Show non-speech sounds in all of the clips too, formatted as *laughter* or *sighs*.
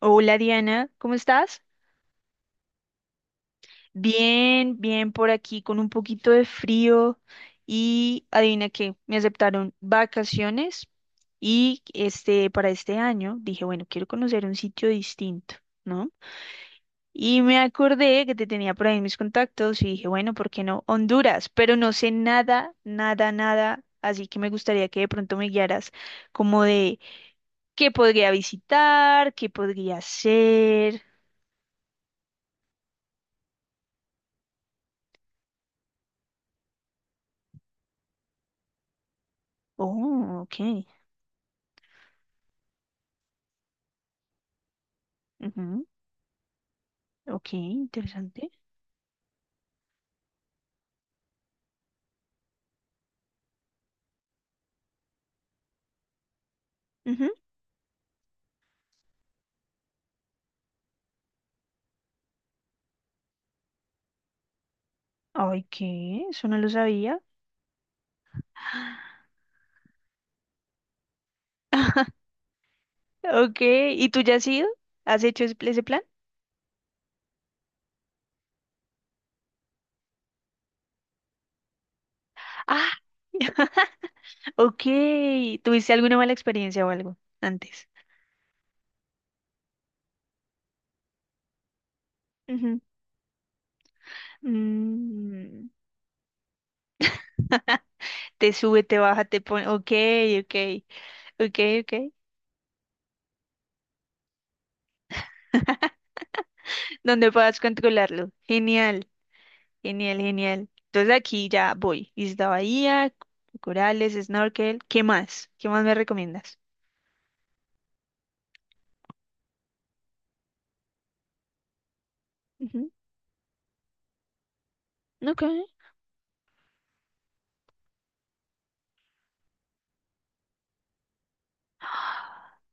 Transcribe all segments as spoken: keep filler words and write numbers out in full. Hola, Diana, ¿cómo estás? Bien, bien por aquí con un poquito de frío y adivina qué, me aceptaron vacaciones y este para este año dije, bueno, quiero conocer un sitio distinto, ¿no? Y me acordé que te tenía por ahí mis contactos y dije, bueno, ¿por qué no Honduras? Pero no sé nada, nada, nada, así que me gustaría que de pronto me guiaras como de qué podría visitar, qué podría hacer. Oh, ok. Ok, interesante. Ujú. Ay, ¿qué? Eso no lo sabía. *gasps* Ok, ¿y tú ya has ido? ¿Has hecho ese ese plan? Ah, *laughs* ok. ¿Tuviste alguna mala experiencia o algo antes? Ujú. Mm, *laughs* te sube, te baja, te pone. Ok, ok, ok, ok. *laughs* Donde puedas controlarlo. Genial, genial, genial. Entonces aquí ya voy. Isla Bahía, corales, snorkel. ¿Qué más? ¿Qué más me recomiendas? Ujú. Ok. *gasps*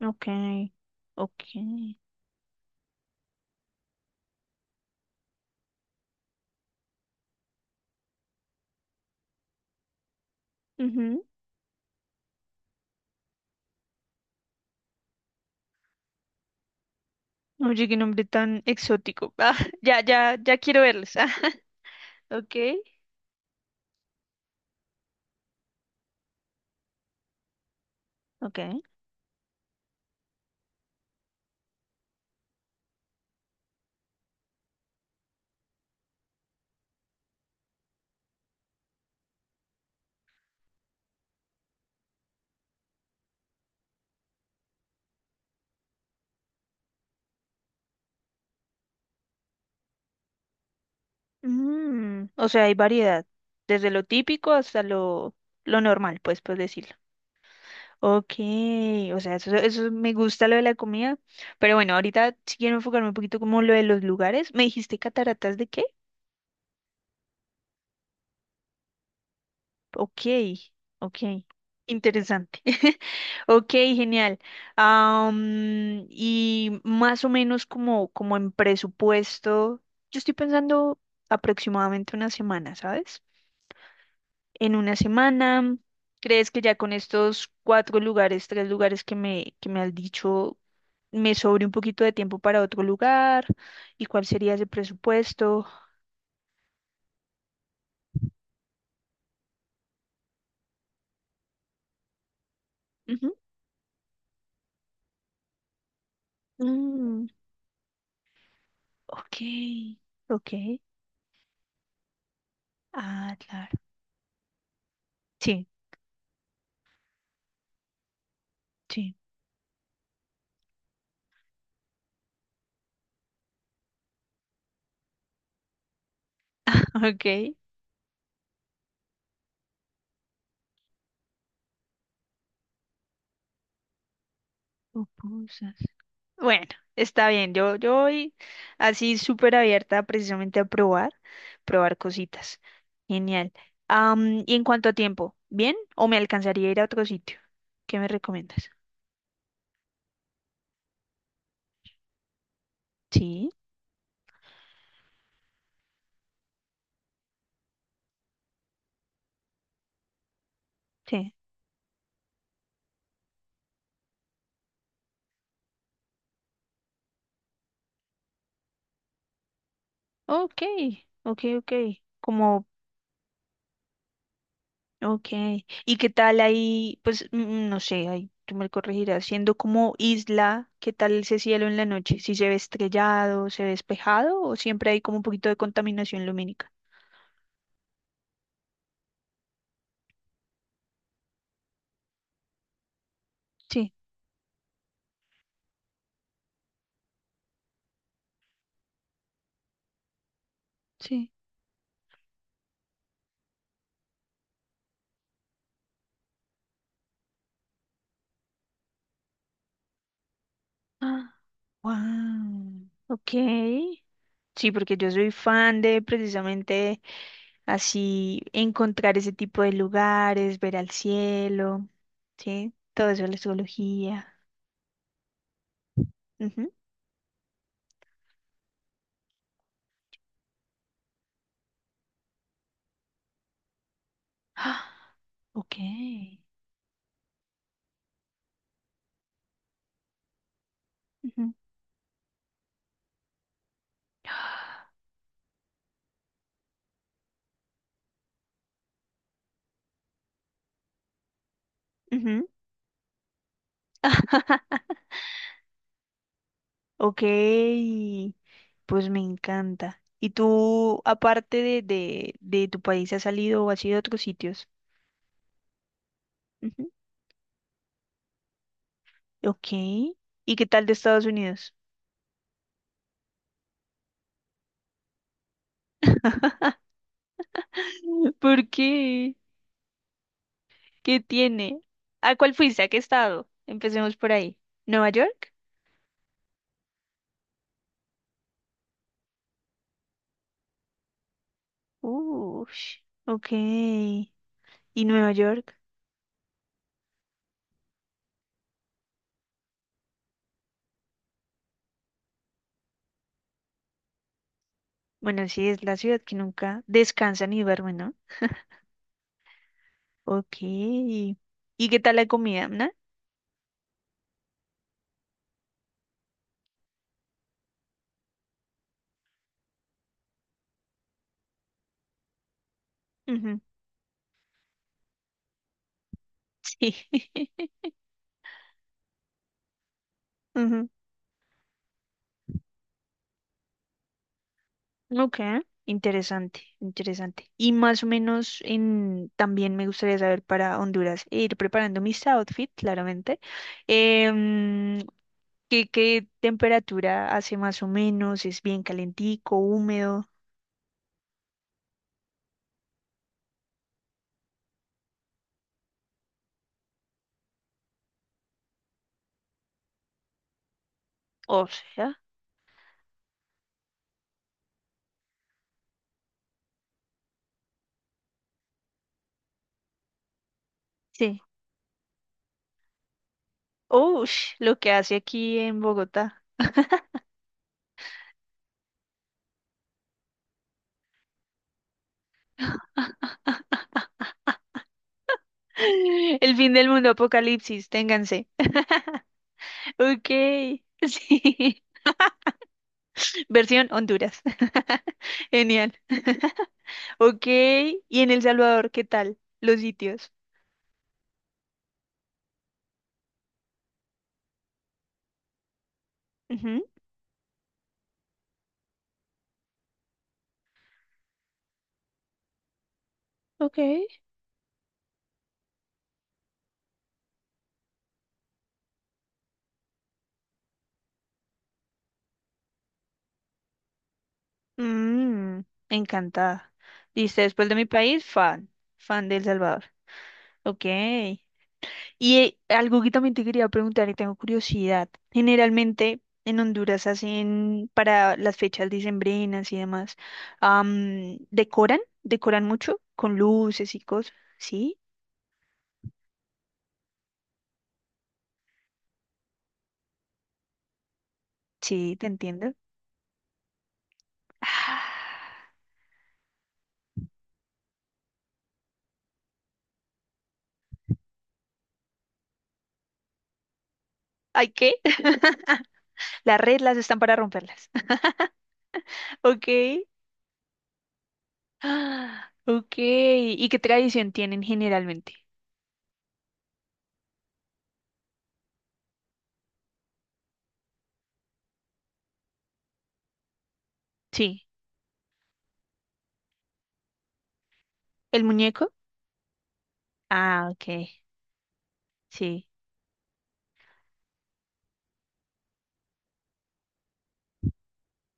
Ok, ok. Ujú. Oye, qué nombre tan exótico. Ah, *laughs* ya, ya, ya quiero verlos. *laughs* Ok, ok. Mm, o sea, hay variedad, desde lo típico hasta lo, lo normal, pues, por decirlo. Ok, o sea, eso, eso me gusta lo de la comida. Pero bueno, ahorita si quiero enfocarme un poquito como lo de los lugares. ¿Me dijiste cataratas de qué? Ok, ok. Interesante. *laughs* Ok, genial. Am, y más o menos como, como en presupuesto, yo estoy pensando aproximadamente una semana, ¿sabes? En una semana, ¿crees que ya con estos cuatro lugares, tres lugares que me, que me has dicho, me sobre un poquito de tiempo para otro lugar? ¿Y cuál sería ese presupuesto? Ujú. Mm, ok, ok. Ah, claro. Sí, sí. *laughs* Ok. Pupusas. Bueno, está bien. Yo, yo voy así súper abierta precisamente a probar, probar cositas. Genial. Am, y en cuanto a tiempo, ¿bien? ¿O me alcanzaría a ir a otro sitio? ¿Qué me recomiendas? Sí, sí. Ok, ok, ok. Como, ok. ¿Y qué tal ahí? Pues mm, no sé, ahí tú me corregirás. Siendo como isla, ¿qué tal ese cielo en la noche? ¿Si se ve estrellado, se ve despejado o siempre hay como un poquito de contaminación lumínica? Sí. Ah, wow, ok. Sí, porque yo soy fan de precisamente así encontrar ese tipo de lugares, ver al cielo, ¿sí? Todo eso, la zoología. Ujú. *gasps* Ah, ok, ujú. Ujú, ok, pues me encanta. ¿Y tú, aparte de, de, de tu país, has salido o has ido a otros sitios? Ujú, ok. ¿Y qué tal de Estados Unidos? *laughs* ¿Por qué? ¿Qué tiene? ¿A cuál fuiste? ¿A qué estado? Empecemos por ahí. ¿Nueva York? Ush, ok. ¿Y Nueva York? Bueno, sí, es la ciudad que nunca descansa ni duerme, ¿no? Ok. ¿Y qué tal la comida, no? Ujú, sí. *laughs* Ujú, ok. Interesante, interesante. Y más o menos en, también me gustaría saber para Honduras, e ir preparando mis outfits, claramente. Em, ¿Qué, qué temperatura hace más o menos? ¿Es bien calentico, húmedo? O sea, sí. Ush, lo que hace aquí en Bogotá. *laughs* El fin del mundo, apocalipsis, ténganse. Ok, *laughs* sí. Versión Honduras. *laughs* Genial. *laughs* Ok, y en El Salvador, ¿qué tal? Los sitios. Ujú. Okay. Mm, encantada. Dice, después de mi país, fan, fan de El Salvador. Ok. Y eh, algo que también te quería preguntar y tengo curiosidad. Generalmente en Honduras hacen para las fechas decembrinas y demás, am, decoran, decoran mucho con luces y cosas. Sí, sí, te entiendo. *sighs* Ah, ¿ay qué? *laughs* Las reglas están para romperlas. *laughs* Ok. *gasps* Ah, ok. ¿Y qué tradición tienen generalmente? Sí. ¿El muñeco? Ah, ok. Sí.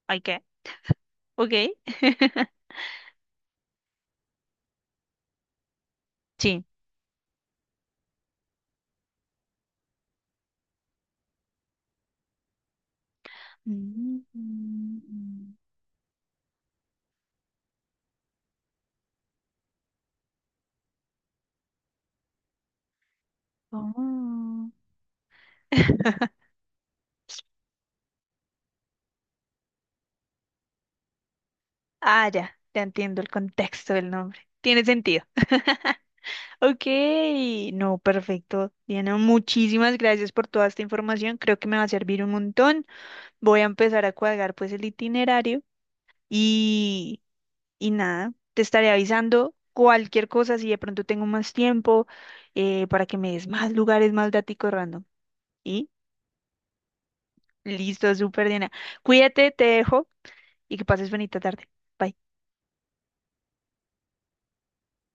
¿Ay qué? Ok. *laughs* Sí. Mm, oh. *laughs* Ah, ya, ya entiendo el contexto del nombre. Tiene sentido. *laughs* Ok, no, perfecto. Diana, muchísimas gracias por toda esta información. Creo que me va a servir un montón. Voy a empezar a cuadrar pues el itinerario y, y nada, te estaré avisando cualquier cosa si de pronto tengo más tiempo eh, para que me des más lugares, más daticos random. Y listo, súper Diana. Cuídate, te dejo y que pases bonita tarde. Bye.